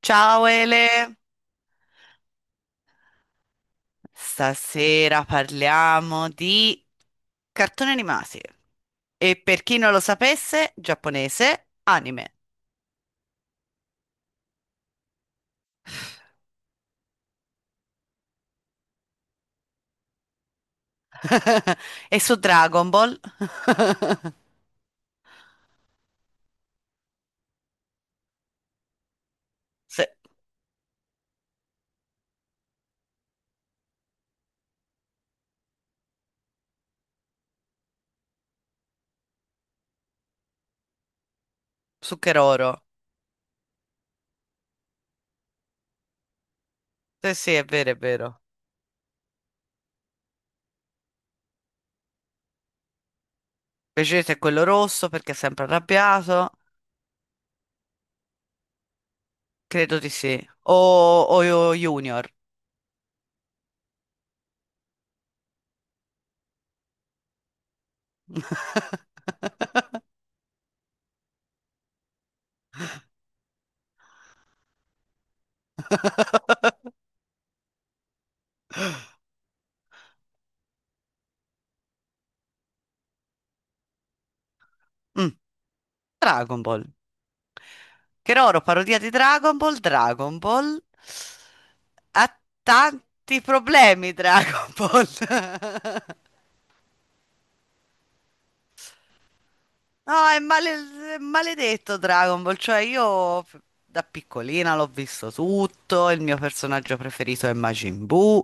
Ciao Ele, stasera parliamo di cartoni animati e per chi non lo sapesse, giapponese, anime. E su Dragon Ball. Sì, su Keroro. Sì, sì, è vero, è vero. Vegeta è quello rosso perché è sempre arrabbiato. Credo di sì. O Junior. Mm, Dragon Ball. Keroro, parodia di Dragon Ball, Dragon Ball ha tanti problemi Dragon Ball. No, è, male- è maledetto Dragon Ball, cioè io f- da piccolina l'ho visto tutto, il mio personaggio preferito è Majin Buu.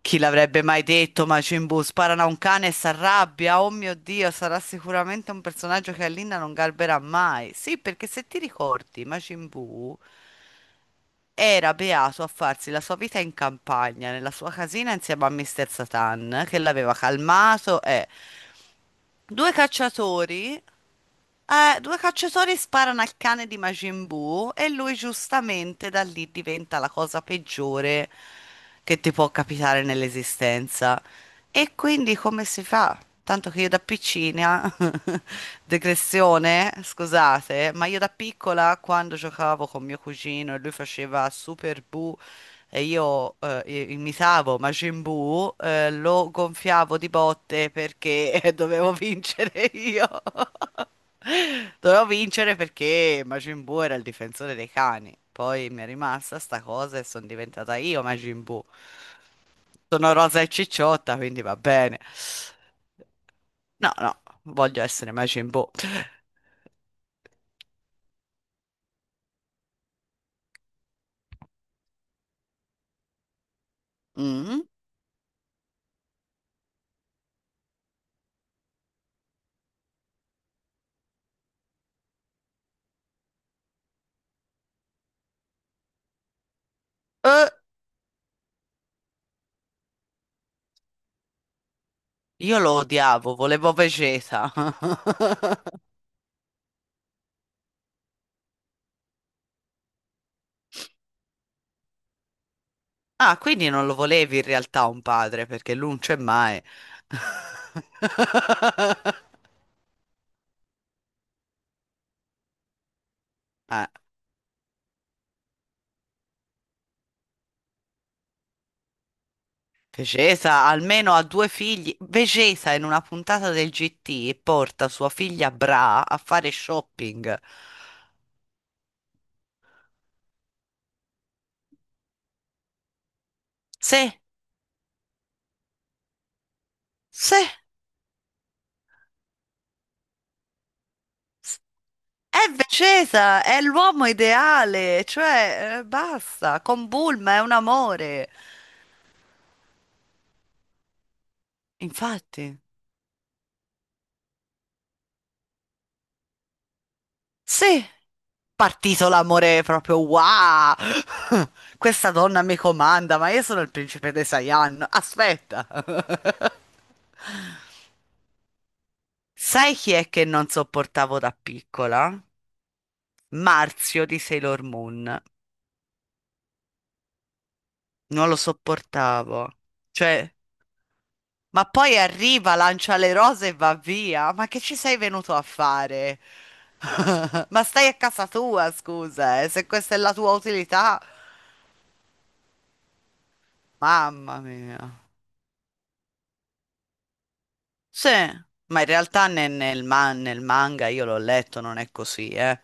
Chi l'avrebbe mai detto Majin Buu? Sparano a un cane e si arrabbia, oh mio Dio, sarà sicuramente un personaggio che Alinna non garberà mai. Sì, perché se ti ricordi Majin Buu era beato a farsi la sua vita in campagna, nella sua casina insieme a Mister Satan, che l'aveva calmato e due cacciatori. Due cacciatori sparano al cane di Majin Buu e lui giustamente da lì diventa la cosa peggiore che ti può capitare nell'esistenza. E quindi come si fa? Tanto che io da piccina, degressione, scusate, ma io da piccola quando giocavo con mio cugino e lui faceva Super Buu e io i- imitavo Majin Buu, lo gonfiavo di botte perché dovevo vincere io. Dovevo vincere perché Majin Buu era il difensore dei cani. Poi mi è rimasta sta cosa e sono diventata io Majin Buu. Sono rosa e cicciotta, quindi va bene. No, no, voglio essere Majin Buu. Mm. Eh, io lo odiavo, volevo Vegeta. Ah, quindi non lo volevi in realtà un padre, perché lui non c'è mai. Eh, Vecesa almeno ha due figli. Vecesa in una puntata del GT porta sua figlia Bra a fare shopping. Sì, sì, s- è Vecesa, è l'uomo ideale, cioè basta, con Bulma è un amore. Infatti, sì, partito l'amore proprio wow! Questa donna mi comanda, ma io sono il principe dei Saiyan. Aspetta. Sai chi è che non sopportavo da piccola? Marzio di Sailor Moon. Non lo sopportavo. Cioè, ma poi arriva, lancia le rose e va via. Ma che ci sei venuto a fare? Ma stai a casa tua, scusa, se questa è la tua utilità, mamma mia. Sì, ma in realtà ne- nel, ma- nel manga io l'ho letto, non è così, eh.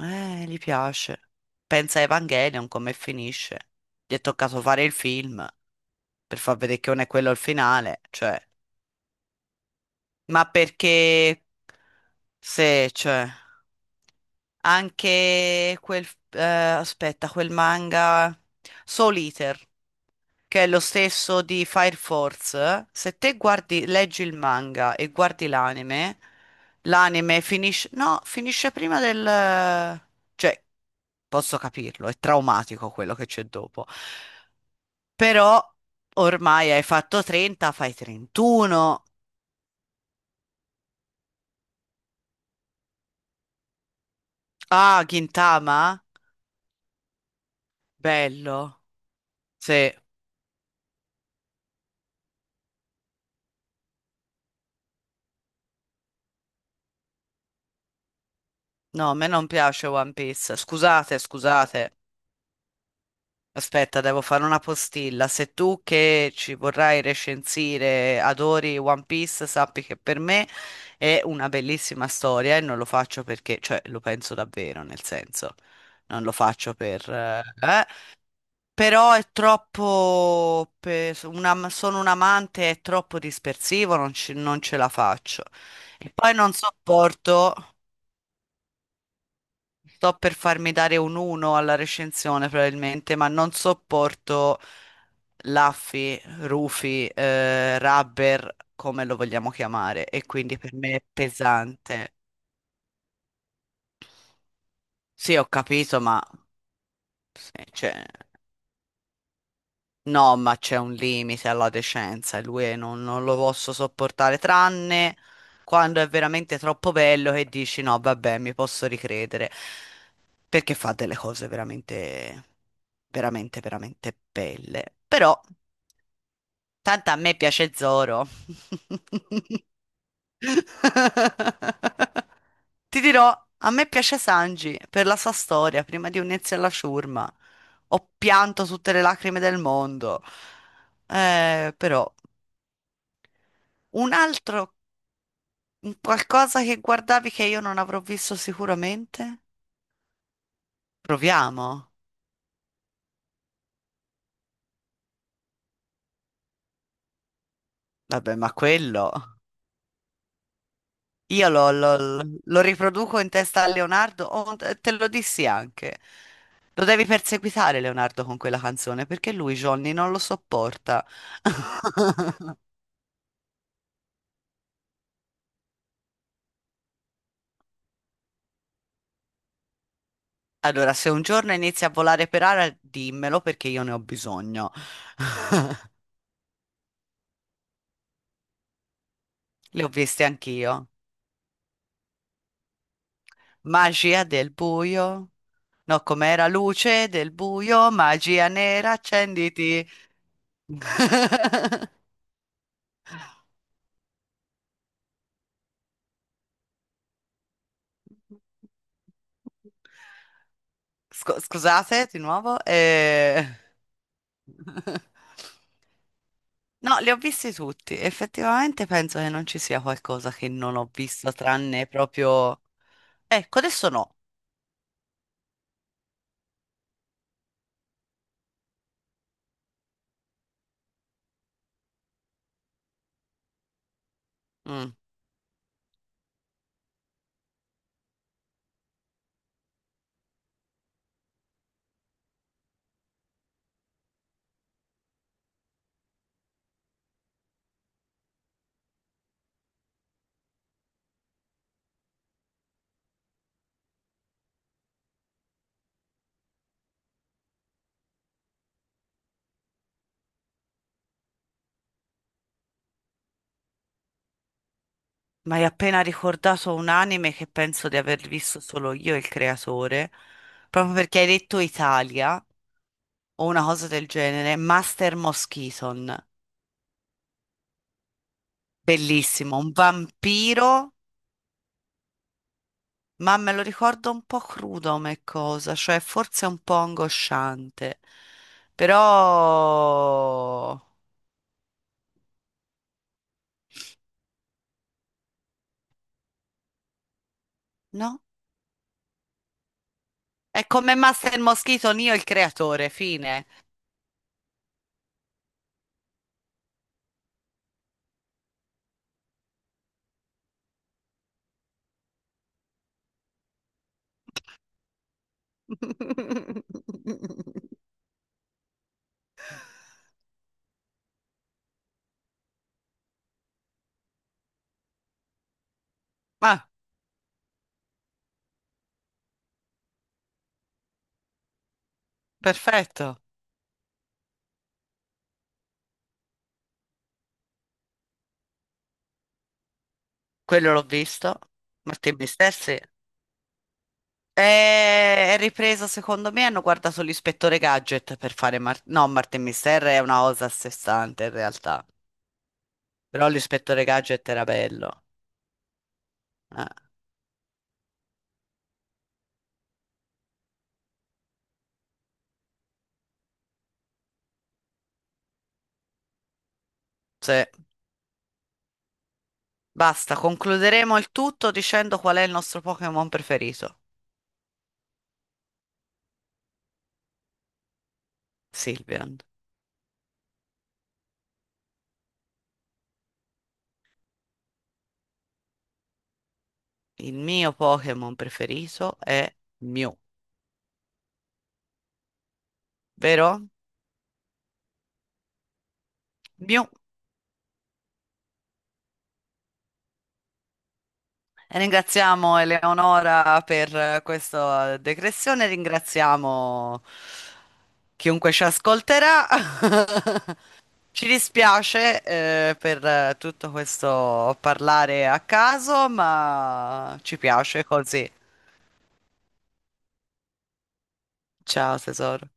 Gli piace. Pensa a Evangelion come finisce. Gli è toccato fare il film per far vedere che non è quello il finale, cioè. Ma perché se, cioè, anche quel, aspetta, quel manga Soul Eater, che è lo stesso di Fire Force, se te guardi, leggi il manga e guardi l'anime, l'anime finisce, no, finisce prima del, cioè, posso capirlo, è traumatico quello che c'è dopo, però ormai hai fatto 30, fai 31, ah, Gintama, bello, sì. No, a me non piace One Piece. Scusate, scusate. Aspetta, devo fare una postilla. Se tu che ci vorrai recensire adori One Piece, sappi che per me è una bellissima storia e non lo faccio perché, cioè, lo penso davvero, nel senso, non lo faccio per... eh. Però è troppo... per- una- sono un amante, è troppo dispersivo, non, ci- non ce la faccio. E poi non sopporto... Sto per farmi dare un 1 alla recensione probabilmente, ma non sopporto Laffy, Rufy, Rubber, come lo vogliamo chiamare, e quindi per me è pesante. Sì, ho capito, ma sì, cioè, no, ma c'è un limite alla decenza e lui non lo posso sopportare, tranne quando è veramente troppo bello che dici no, vabbè, mi posso ricredere. Perché fa delle cose veramente, veramente, veramente belle. Però, tanto a me piace Zoro. Ti dirò, a me piace Sanji per la sua storia, prima di unirsi alla ciurma. Ho pianto tutte le lacrime del mondo. Però, un altro, un qualcosa che guardavi che io non avrò visto sicuramente? Proviamo. Vabbè, ma quello. Io lo riproduco in testa a Leonardo, oh, te te lo dissi anche. Lo devi perseguitare Leonardo con quella canzone perché lui Johnny non lo sopporta. Allora, se un giorno inizi a volare per aria, dimmelo perché io ne ho bisogno. Le ho viste anch'io. Magia del buio. No, com'era luce del buio, magia nera, accenditi. Scu- scusate di nuovo, eh. No, li ho visti tutti. Effettivamente penso che non ci sia qualcosa che non ho visto, tranne proprio... Ecco, adesso no. Mm. Mi hai appena ricordato un anime che penso di aver visto solo io, e il creatore, proprio perché hai detto Italia o una cosa del genere, Master Moschiton. Bellissimo, un vampiro. Ma me lo ricordo un po' crudo come cosa, cioè forse un po' angosciante, però no? È come Master Moschito, Neo il creatore, fine. Ah, perfetto. Quello l'ho visto. Martin Mister, sì. E- è ripreso, secondo me, hanno guardato l'ispettore Gadget per fare... Mar- no, Martin Mister è una cosa a sé stante in realtà, però l'ispettore Gadget era bello. Eh, sì. Basta, concluderemo il tutto dicendo qual è il nostro Pokémon preferito. Sylveon. Il mio Pokémon preferito è Mew, vero? Mew. E ringraziamo Eleonora per questa decrezione, ringraziamo chiunque ci ascolterà. Ci dispiace, per tutto questo parlare a caso, ma ci piace così. Ciao tesoro.